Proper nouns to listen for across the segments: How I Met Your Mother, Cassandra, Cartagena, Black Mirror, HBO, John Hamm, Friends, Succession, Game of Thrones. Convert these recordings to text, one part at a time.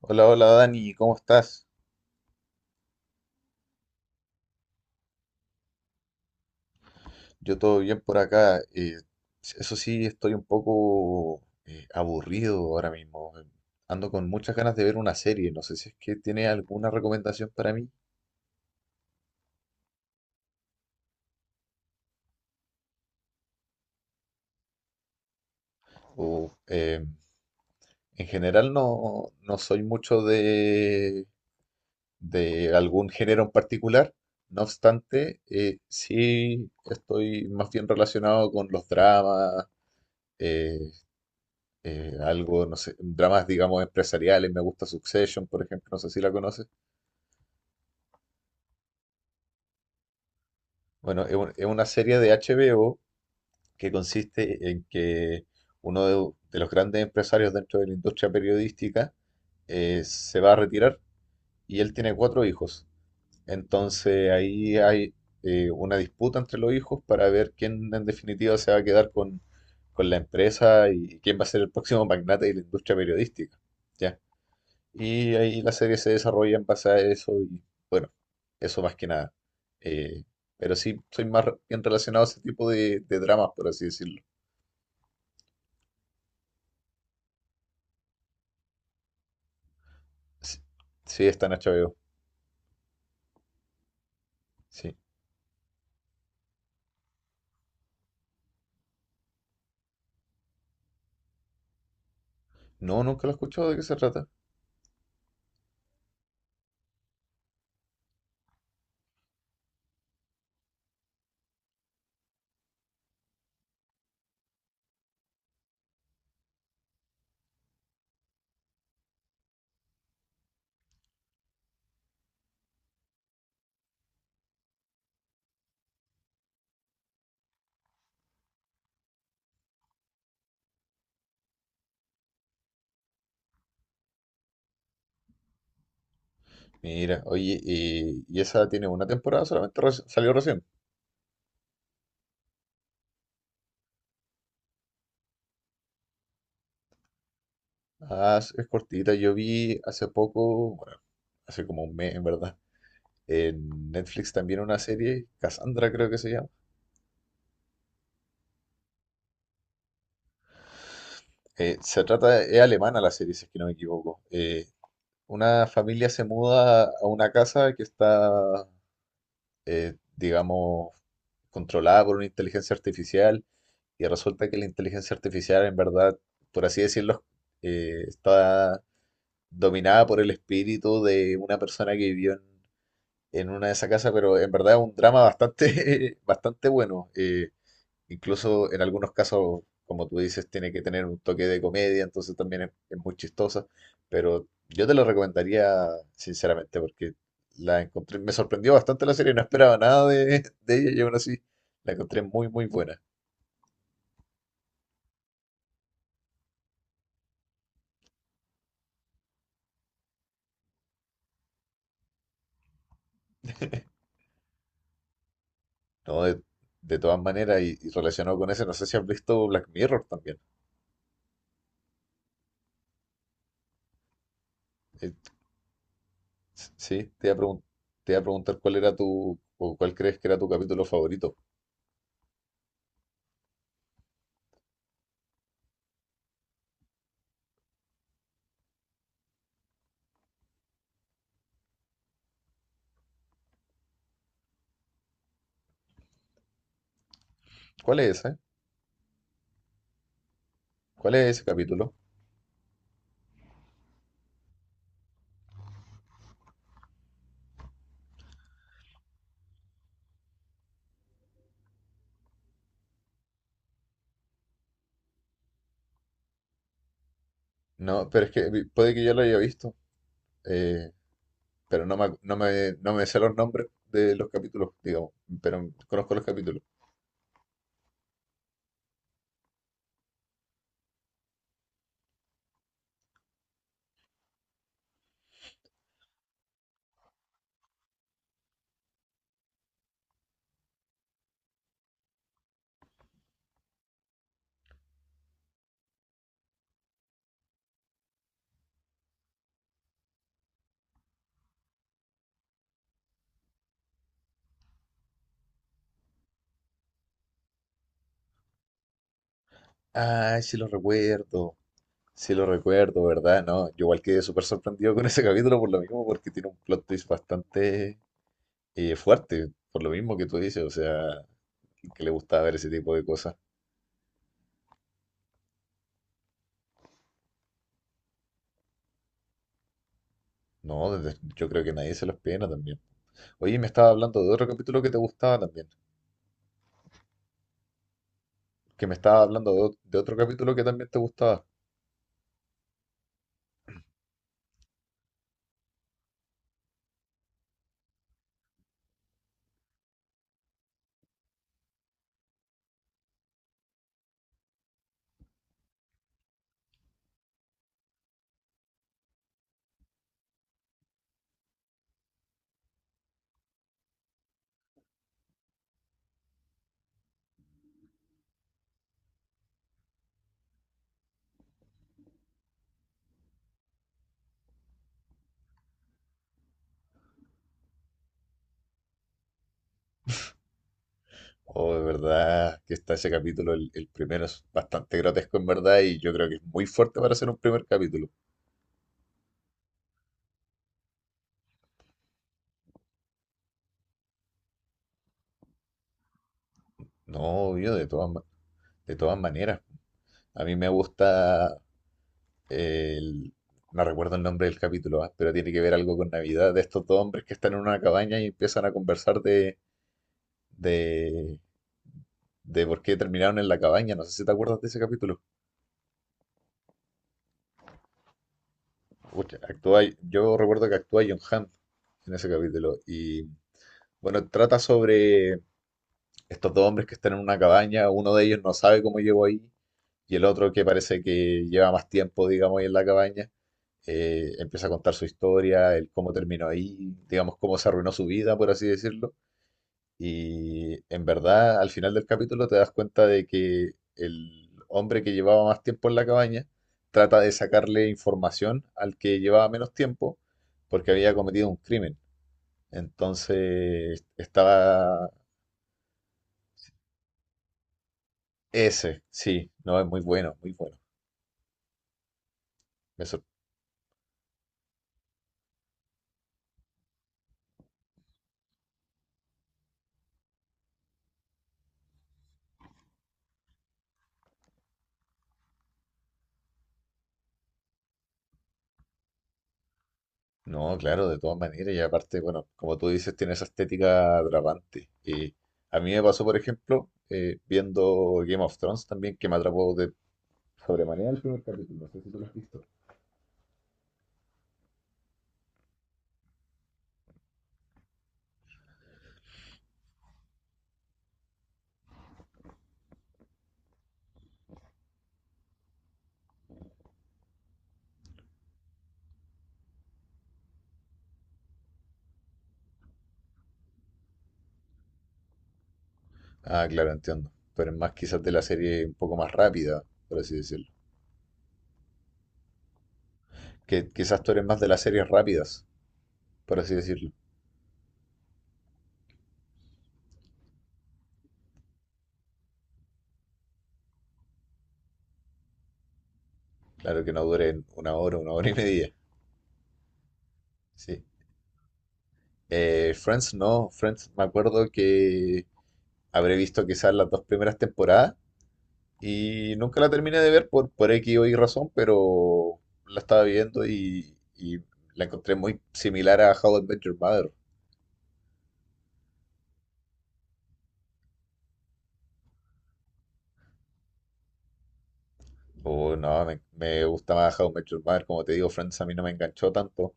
Hola, hola Dani, ¿cómo estás? Yo todo bien por acá. Eso sí, estoy un poco aburrido ahora mismo. Ando con muchas ganas de ver una serie. No sé si es que tiene alguna recomendación para mí. O, eh, en general no soy mucho de algún género en particular. No obstante, sí estoy más bien relacionado con los dramas. eh, Algo, no sé, dramas, digamos, empresariales. Me gusta Succession, por ejemplo, no sé si la conoces. Bueno, es, es una serie de HBO que consiste en que uno de los grandes empresarios dentro de la industria periodística se va a retirar y él tiene cuatro hijos. Entonces ahí hay una disputa entre los hijos para ver quién en definitiva se va a quedar con la empresa y quién va a ser el próximo magnate de la industria periodística. ¿Ya? Y ahí la serie se desarrolla en base a eso y bueno, eso más que nada. Eh, pero sí, soy más bien relacionado a ese tipo de dramas, por así decirlo. Sí, sí, está en HBO, sí. No, nunca lo he escuchado, ¿de qué se trata? Mira, oye, y esa tiene una temporada solamente, salió recién. Ah, es cortita, yo vi hace poco, bueno, hace como un mes en verdad, en Netflix también una serie, Cassandra creo que se llama. Se trata, es alemana la serie, si es que no me equivoco. Una familia se muda a una casa que está, digamos, controlada por una inteligencia artificial y resulta que la inteligencia artificial en verdad, por así decirlo, está dominada por el espíritu de una persona que vivió en una de esas casas, pero en verdad es un drama bastante, bastante bueno. Incluso en algunos casos, como tú dices, tiene que tener un toque de comedia, entonces también es muy chistosa. Pero yo te lo recomendaría sinceramente porque la encontré, me sorprendió bastante la serie, no esperaba nada de, de ella y aún así la encontré muy, muy buena. No, de todas maneras, y relacionado con eso, no sé si has visto Black Mirror también. Eh, sí, te iba a preguntar cuál era tu, o cuál crees que era tu capítulo favorito. ¿Cuál es ese? ¿Cuál es ese capítulo? No, pero es que puede que yo lo haya visto. eh, pero no me, no me, no me sé los nombres de los capítulos, digamos, pero conozco los capítulos. Ay, sí lo recuerdo, ¿verdad? No, yo igual quedé súper sorprendido con ese capítulo por lo mismo, porque tiene un plot twist bastante fuerte, por lo mismo que tú dices, o sea, que le gustaba ver ese tipo de cosas. No, yo creo que nadie se los pena también. Oye, me estaba hablando de otro capítulo que te gustaba también, que me estaba hablando de, de otro capítulo que también te gustaba. Oh, de verdad que está ese capítulo, el primero es bastante grotesco en verdad y yo creo que es muy fuerte para ser un primer capítulo. No, yo de todas maneras. A mí me gusta el... No recuerdo el nombre del capítulo, ah, pero tiene que ver algo con Navidad, de estos dos hombres que están en una cabaña y empiezan a conversar de, de por qué terminaron en la cabaña. No sé si te acuerdas de ese capítulo. Pucha, actúa, yo recuerdo que actúa John Hamm en ese capítulo y bueno, trata sobre estos dos hombres que están en una cabaña, uno de ellos no sabe cómo llegó ahí y el otro que parece que lleva más tiempo, digamos, ahí en la cabaña, empieza a contar su historia, el cómo terminó ahí, digamos, cómo se arruinó su vida, por así decirlo. Y en verdad, al final del capítulo te das cuenta de que el hombre que llevaba más tiempo en la cabaña trata de sacarle información al que llevaba menos tiempo porque había cometido un crimen. Entonces estaba. Ese, sí, no, es muy bueno, muy bueno. Me sor- No, claro, de todas maneras, y aparte, bueno, como tú dices, tiene esa estética atrapante. Y a mí me pasó, por ejemplo, viendo Game of Thrones también, que me atrapó de sobremanera el primer capítulo, no sé si tú lo has visto. Ah, claro, entiendo. Tú eres más quizás de la serie un poco más rápida, por así decirlo. Que quizás tú eres más de las series rápidas, por así decirlo. Claro que no duren una hora y media. Sí. Friends no, Friends me acuerdo que habré visto quizás las dos primeras temporadas y nunca la terminé de ver por X o Y razón, pero la estaba viendo y la encontré muy similar a How I Met Your Mother. Oh, no, me gusta más How I Met Your Mother, como te digo, Friends a mí no me enganchó tanto,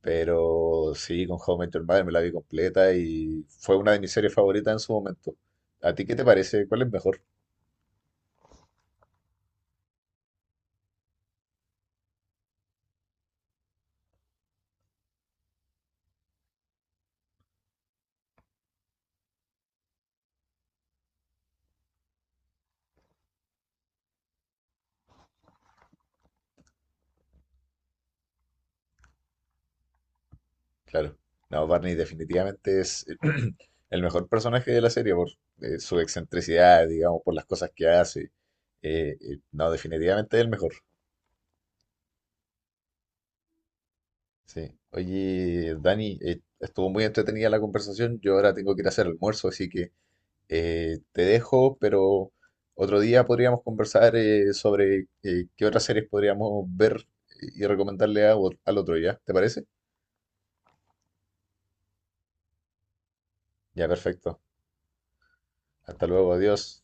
pero sí, con How I Met Your Mother me la vi completa y fue una de mis series favoritas en su momento. ¿A ti qué te parece? ¿Cuál es mejor? Claro. No, Barney definitivamente es el mejor personaje de la serie por su excentricidad, digamos, por las cosas que hace. No, definitivamente es el mejor. Sí. Oye, Dani, estuvo muy entretenida la conversación. Yo ahora tengo que ir a hacer almuerzo, así que te dejo, pero otro día podríamos conversar sobre qué otras series podríamos ver y al otro ya. ¿Te parece? Ya, perfecto. Hasta luego, adiós.